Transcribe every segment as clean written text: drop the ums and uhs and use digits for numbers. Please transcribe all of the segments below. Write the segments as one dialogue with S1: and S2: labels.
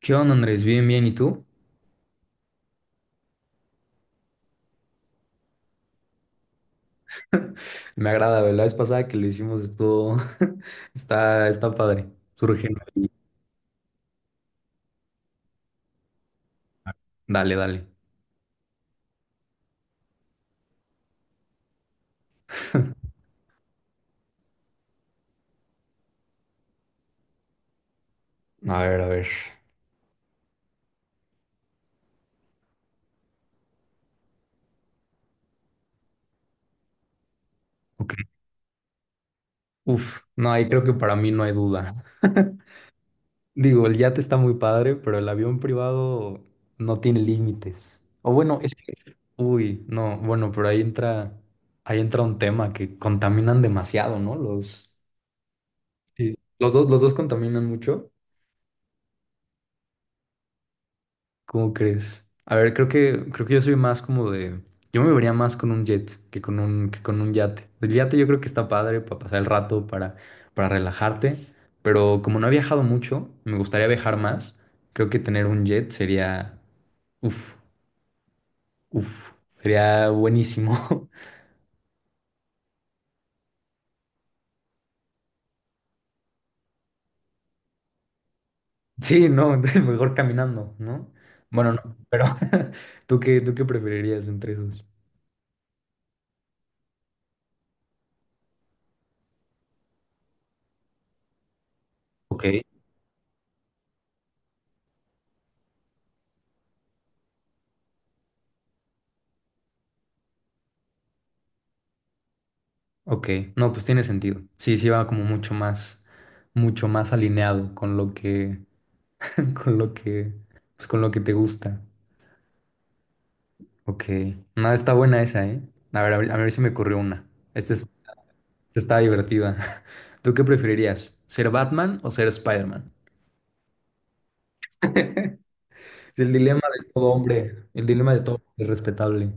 S1: ¿Qué onda, Andrés? Bien, bien, ¿y tú? Me agrada, ¿ve? La vez pasada que lo hicimos estuvo... Está padre. Surge. Ahí. Dale, dale. A ver, a ver. Ok. Uf, no, ahí creo que para mí no hay duda. Digo, el yate está muy padre, pero el avión privado no tiene límites. O bueno, es que... Uy, no, bueno, pero ahí entra... Ahí entra un tema que contaminan demasiado, ¿no? Los... Sí. Los dos contaminan mucho. ¿Cómo crees? A ver, creo que yo soy más como de. Yo me vería más con un jet que que con un yate. El yate yo creo que está padre para pasar el rato, para relajarte. Pero como no he viajado mucho, me gustaría viajar más. Creo que tener un jet sería. Uf, uf. Sería buenísimo. Sí, no, mejor caminando, ¿no? Bueno, no, pero tú qué preferirías entre esos? Ok. Ok, no, pues tiene sentido. Sí, sí va como mucho más alineado con lo que, con lo que, pues con lo que te gusta. Ok, nada, está buena esa, ¿eh? A ver, a ver, a ver si me ocurrió una. Esta es- Esta está divertida. ¿Tú qué preferirías? ¿Ser Batman o ser Spider-Man? Es el dilema de todo hombre, el dilema de todo hombre respetable.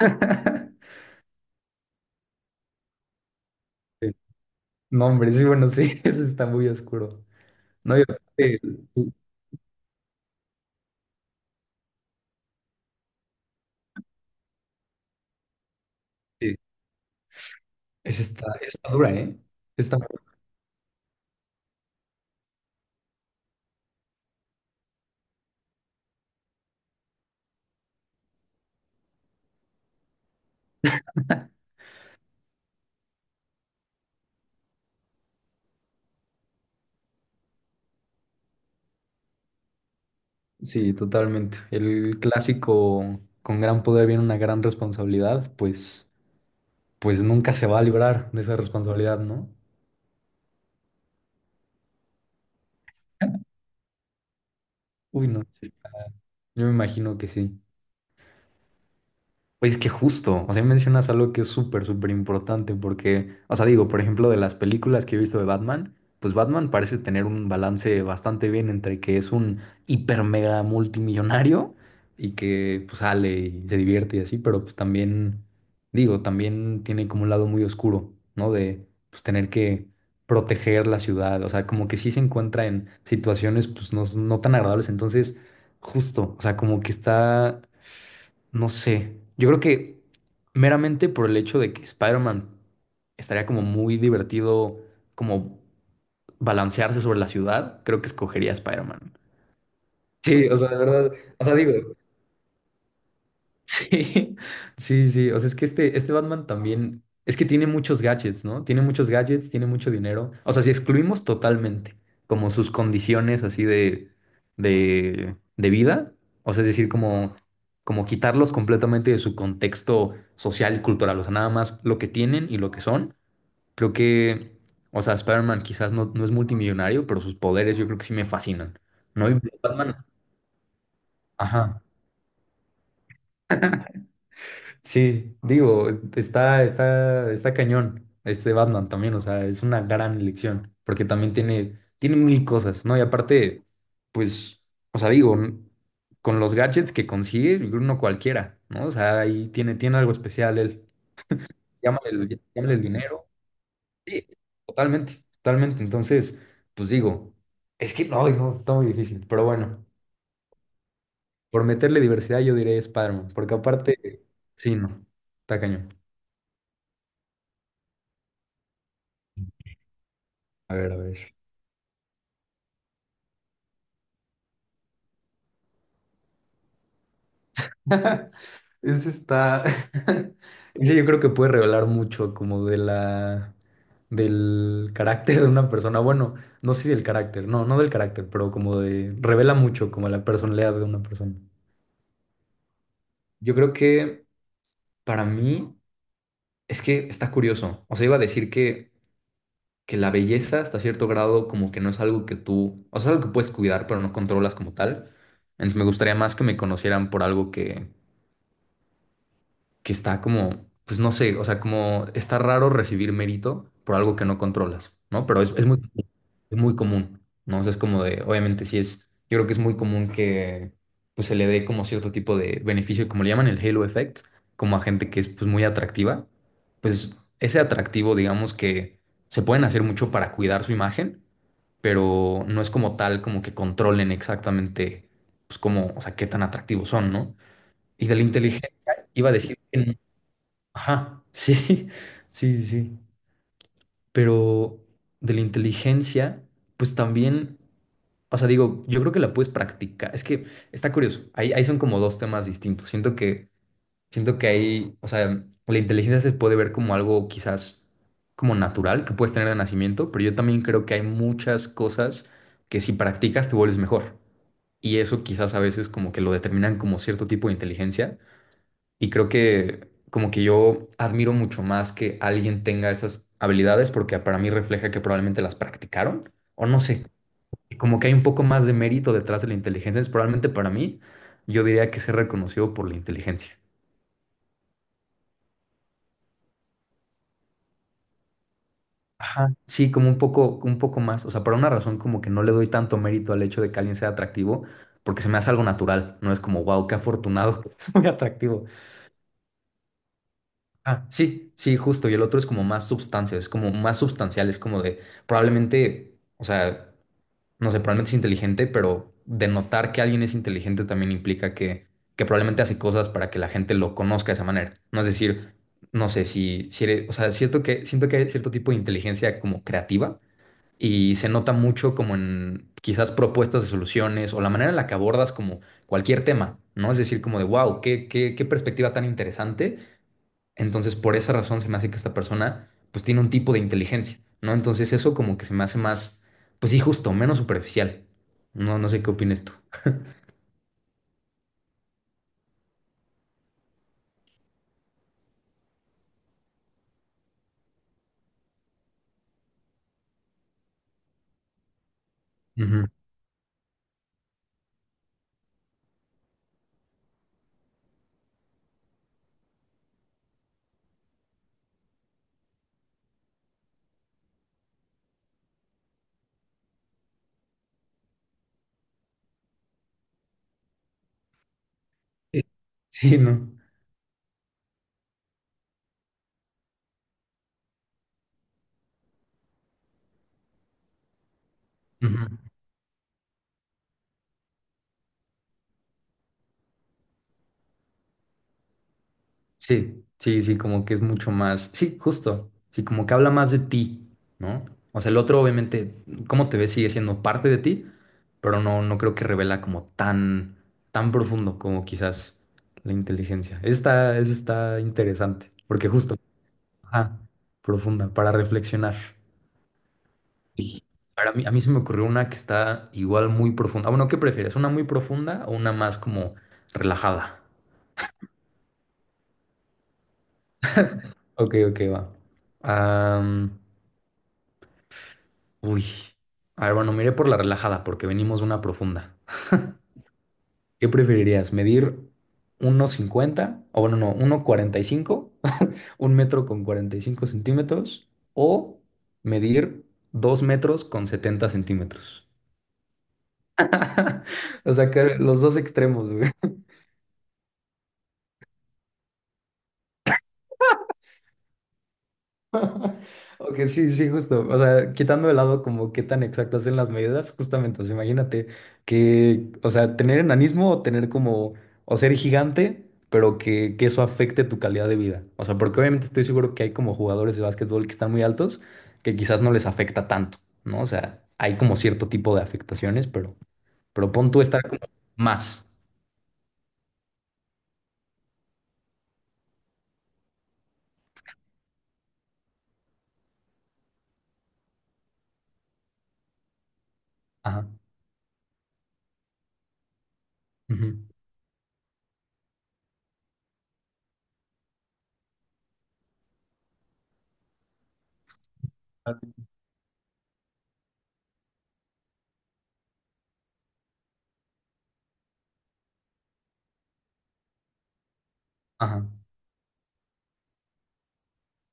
S1: Sí. No, hombre, sí, bueno, sí, eso está muy oscuro. No, yo, sí, sí, esa está dura, ¿eh? Sí, totalmente. El clásico con gran poder viene una gran responsabilidad, pues, pues nunca se va a librar de esa responsabilidad, ¿no? Uy, no. Yo me imagino que sí. Pues que justo, o sea, mencionas algo que es súper importante porque, o sea, digo, por ejemplo, de las películas que he visto de Batman, pues Batman parece tener un balance bastante bien entre que es un hiper mega multimillonario y que pues sale y se divierte y así, pero pues también, digo, también tiene como un lado muy oscuro, ¿no? De pues tener que proteger la ciudad, o sea, como que sí se encuentra en situaciones pues no, no tan agradables, entonces, justo, o sea, como que está... No sé. Yo creo que meramente por el hecho de que Spider-Man estaría como muy divertido, como balancearse sobre la ciudad, creo que escogería a Spider-Man. Sí, o sea, de verdad, o sea, digo, Sí, sí, o sea, es que este Batman también, es que tiene muchos gadgets, ¿no? Tiene muchos gadgets, tiene mucho dinero. O sea, si excluimos totalmente como sus condiciones así de vida, o sea, es decir, como, como quitarlos completamente de su contexto social y cultural, o sea, nada más lo que tienen y lo que son, creo que, o sea, Spider-Man quizás no, no es multimillonario, pero sus poderes yo creo que sí me fascinan, ¿no? Y Batman, ajá. Sí, digo, está cañón este Batman también, o sea, es una gran elección, porque también tiene, tiene mil cosas, ¿no? Y aparte, pues, o sea, digo, con los gadgets que consigue, yo creo no cualquiera, ¿no? O sea, ahí tiene, tiene algo especial él. Llámale el dinero. Sí, totalmente, totalmente. Entonces, pues digo, es que no, no, está muy difícil, pero bueno, por meterle diversidad yo diré Spider-Man, porque aparte, sí, no, está cañón. A ver, a ver. Ese está. Ese yo creo que puede revelar mucho como de la. Del carácter de una persona. Bueno, no sé si del carácter, no, no del carácter, pero como de. Revela mucho como la personalidad de una persona. Yo creo que para mí es que está curioso. O sea, iba a decir que la belleza hasta cierto grado como que no es algo que tú, o sea, es algo que puedes cuidar, pero no controlas como tal. Entonces me gustaría más que me conocieran por algo que está como, pues no sé, o sea, como está raro recibir mérito por algo que no controlas, ¿no? Pero es muy común, ¿no? O sea, es como de, obviamente sí es, yo creo que es muy común que pues se le dé como cierto tipo de beneficio, como le llaman el halo effect, como a gente que es pues muy atractiva, pues ese atractivo, digamos que se pueden hacer mucho para cuidar su imagen, pero no es como tal como que controlen exactamente, pues como, o sea, qué tan atractivos son, ¿no? Y de la inteligencia iba a decir que Ajá, sí, sí, sí. Pero de la inteligencia, pues también, o sea, digo, yo creo que la puedes practicar. Es que está curioso. Ahí, ahí son como dos temas distintos. Siento que ahí, o sea, la inteligencia se puede ver como algo quizás como natural que puedes tener de nacimiento, pero yo también creo que hay muchas cosas que si practicas te vuelves mejor. Y eso quizás a veces como que lo determinan como cierto tipo de inteligencia y creo que como que yo admiro mucho más que alguien tenga esas habilidades porque para mí refleja que probablemente las practicaron o no sé. Y como que hay un poco más de mérito detrás de la inteligencia. Es probablemente para mí, yo diría que ser reconocido por la inteligencia. Ajá. Sí, como un poco más. O sea, por una razón como que no le doy tanto mérito al hecho de que alguien sea atractivo porque se me hace algo natural. No es como, wow, qué afortunado, es muy atractivo. Ah, sí, sí, justo. Y el otro es como más sustancia, es como más substancial, es como de probablemente, o sea, no sé, probablemente es inteligente, pero denotar que alguien es inteligente también implica que probablemente hace cosas para que la gente lo conozca de esa manera. No es decir, no sé si, si eres, o sea, es cierto que, siento que hay cierto tipo de inteligencia como creativa y se nota mucho como en quizás propuestas de soluciones o la manera en la que abordas como cualquier tema, ¿no? Es decir, como de, wow, qué perspectiva tan interesante entonces, por esa razón se me hace que esta persona pues tiene un tipo de inteligencia, ¿no? Entonces eso como que se me hace más, pues sí, justo, menos superficial. No, no sé qué opines tú. Ujú. Sí, sí, no. Ujú. Sí, sí, sí, como que es mucho más, sí, justo, sí, como que habla más de ti, ¿no? O sea, el otro obviamente, cómo te ves sigue siendo parte de ti, pero no, no creo que revela como tan profundo como quizás la inteligencia. Esta, está interesante, porque justo... Ajá, profunda, para reflexionar. Sí. Para mí, a mí se me ocurrió una que está igual muy profunda. Ah, bueno, ¿qué prefieres? ¿Una muy profunda o una más como relajada? Ok, ok, va. Am, uy. A ver, bueno, miré por la relajada porque venimos de una profunda. ¿Qué preferirías? ¿Medir 1,50. O bueno, no, 1,45. 1,45 m o medir 2,70 m. O sea, que los dos extremos, güey. Ok, sí, sí, justo. O sea, quitando de lado como qué tan exactas son las medidas, justamente, o sea, imagínate que, o sea, tener enanismo o tener como, o ser gigante, pero que eso afecte tu calidad de vida. O sea, porque obviamente estoy seguro que hay como jugadores de básquetbol que están muy altos, que quizás no les afecta tanto, ¿no? O sea, hay como cierto tipo de afectaciones, pero pon tú estar como más. Ajá. ujú, Ajá.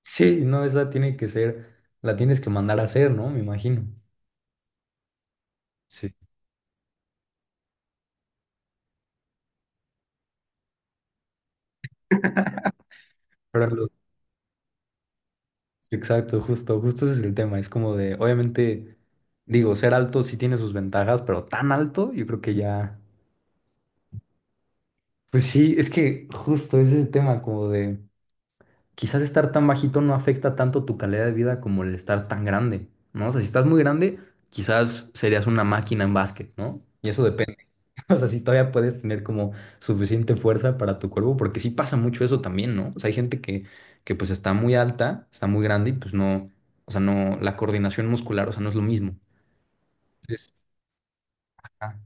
S1: Sí, no, esa tiene que ser, la tienes que mandar a hacer, ¿no? Me imagino. Sí, Pero lo- exacto, justo, justo ese es el tema. Es como de, obviamente, digo, ser alto sí tiene sus ventajas, pero tan alto, yo creo que ya. Pues sí, es que justo ese es el tema, como de quizás estar tan bajito no afecta tanto tu calidad de vida como el estar tan grande, ¿no? O sea, si estás muy grande, quizás serías una máquina en básquet, ¿no? Y eso depende. O sea, si todavía puedes tener como suficiente fuerza para tu cuerpo, porque sí pasa mucho eso también, ¿no? O sea, hay gente que pues está muy alta, está muy grande y pues no, o sea, no, la coordinación muscular, o sea, no es lo mismo. Entonces, ajá,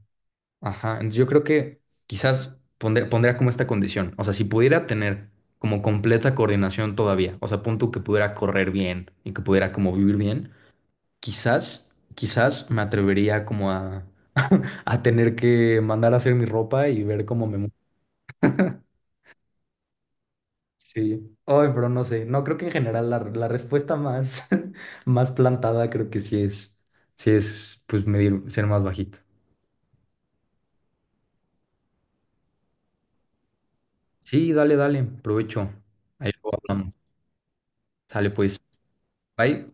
S1: ajá, entonces yo creo que quizás pondría como esta condición, o sea, si pudiera tener como completa coordinación todavía, o sea, punto que pudiera correr bien y que pudiera como vivir bien, quizás, quizás me atrevería como a, a tener que mandar a hacer mi ropa y ver cómo me muevo Sí. Ay, pero no sé. No, creo que en general la respuesta más, más plantada creo que sí es, pues, medir, ser más bajito. Sí, dale, dale. Provecho. Ahí lo hablamos. Sale, pues. Bye.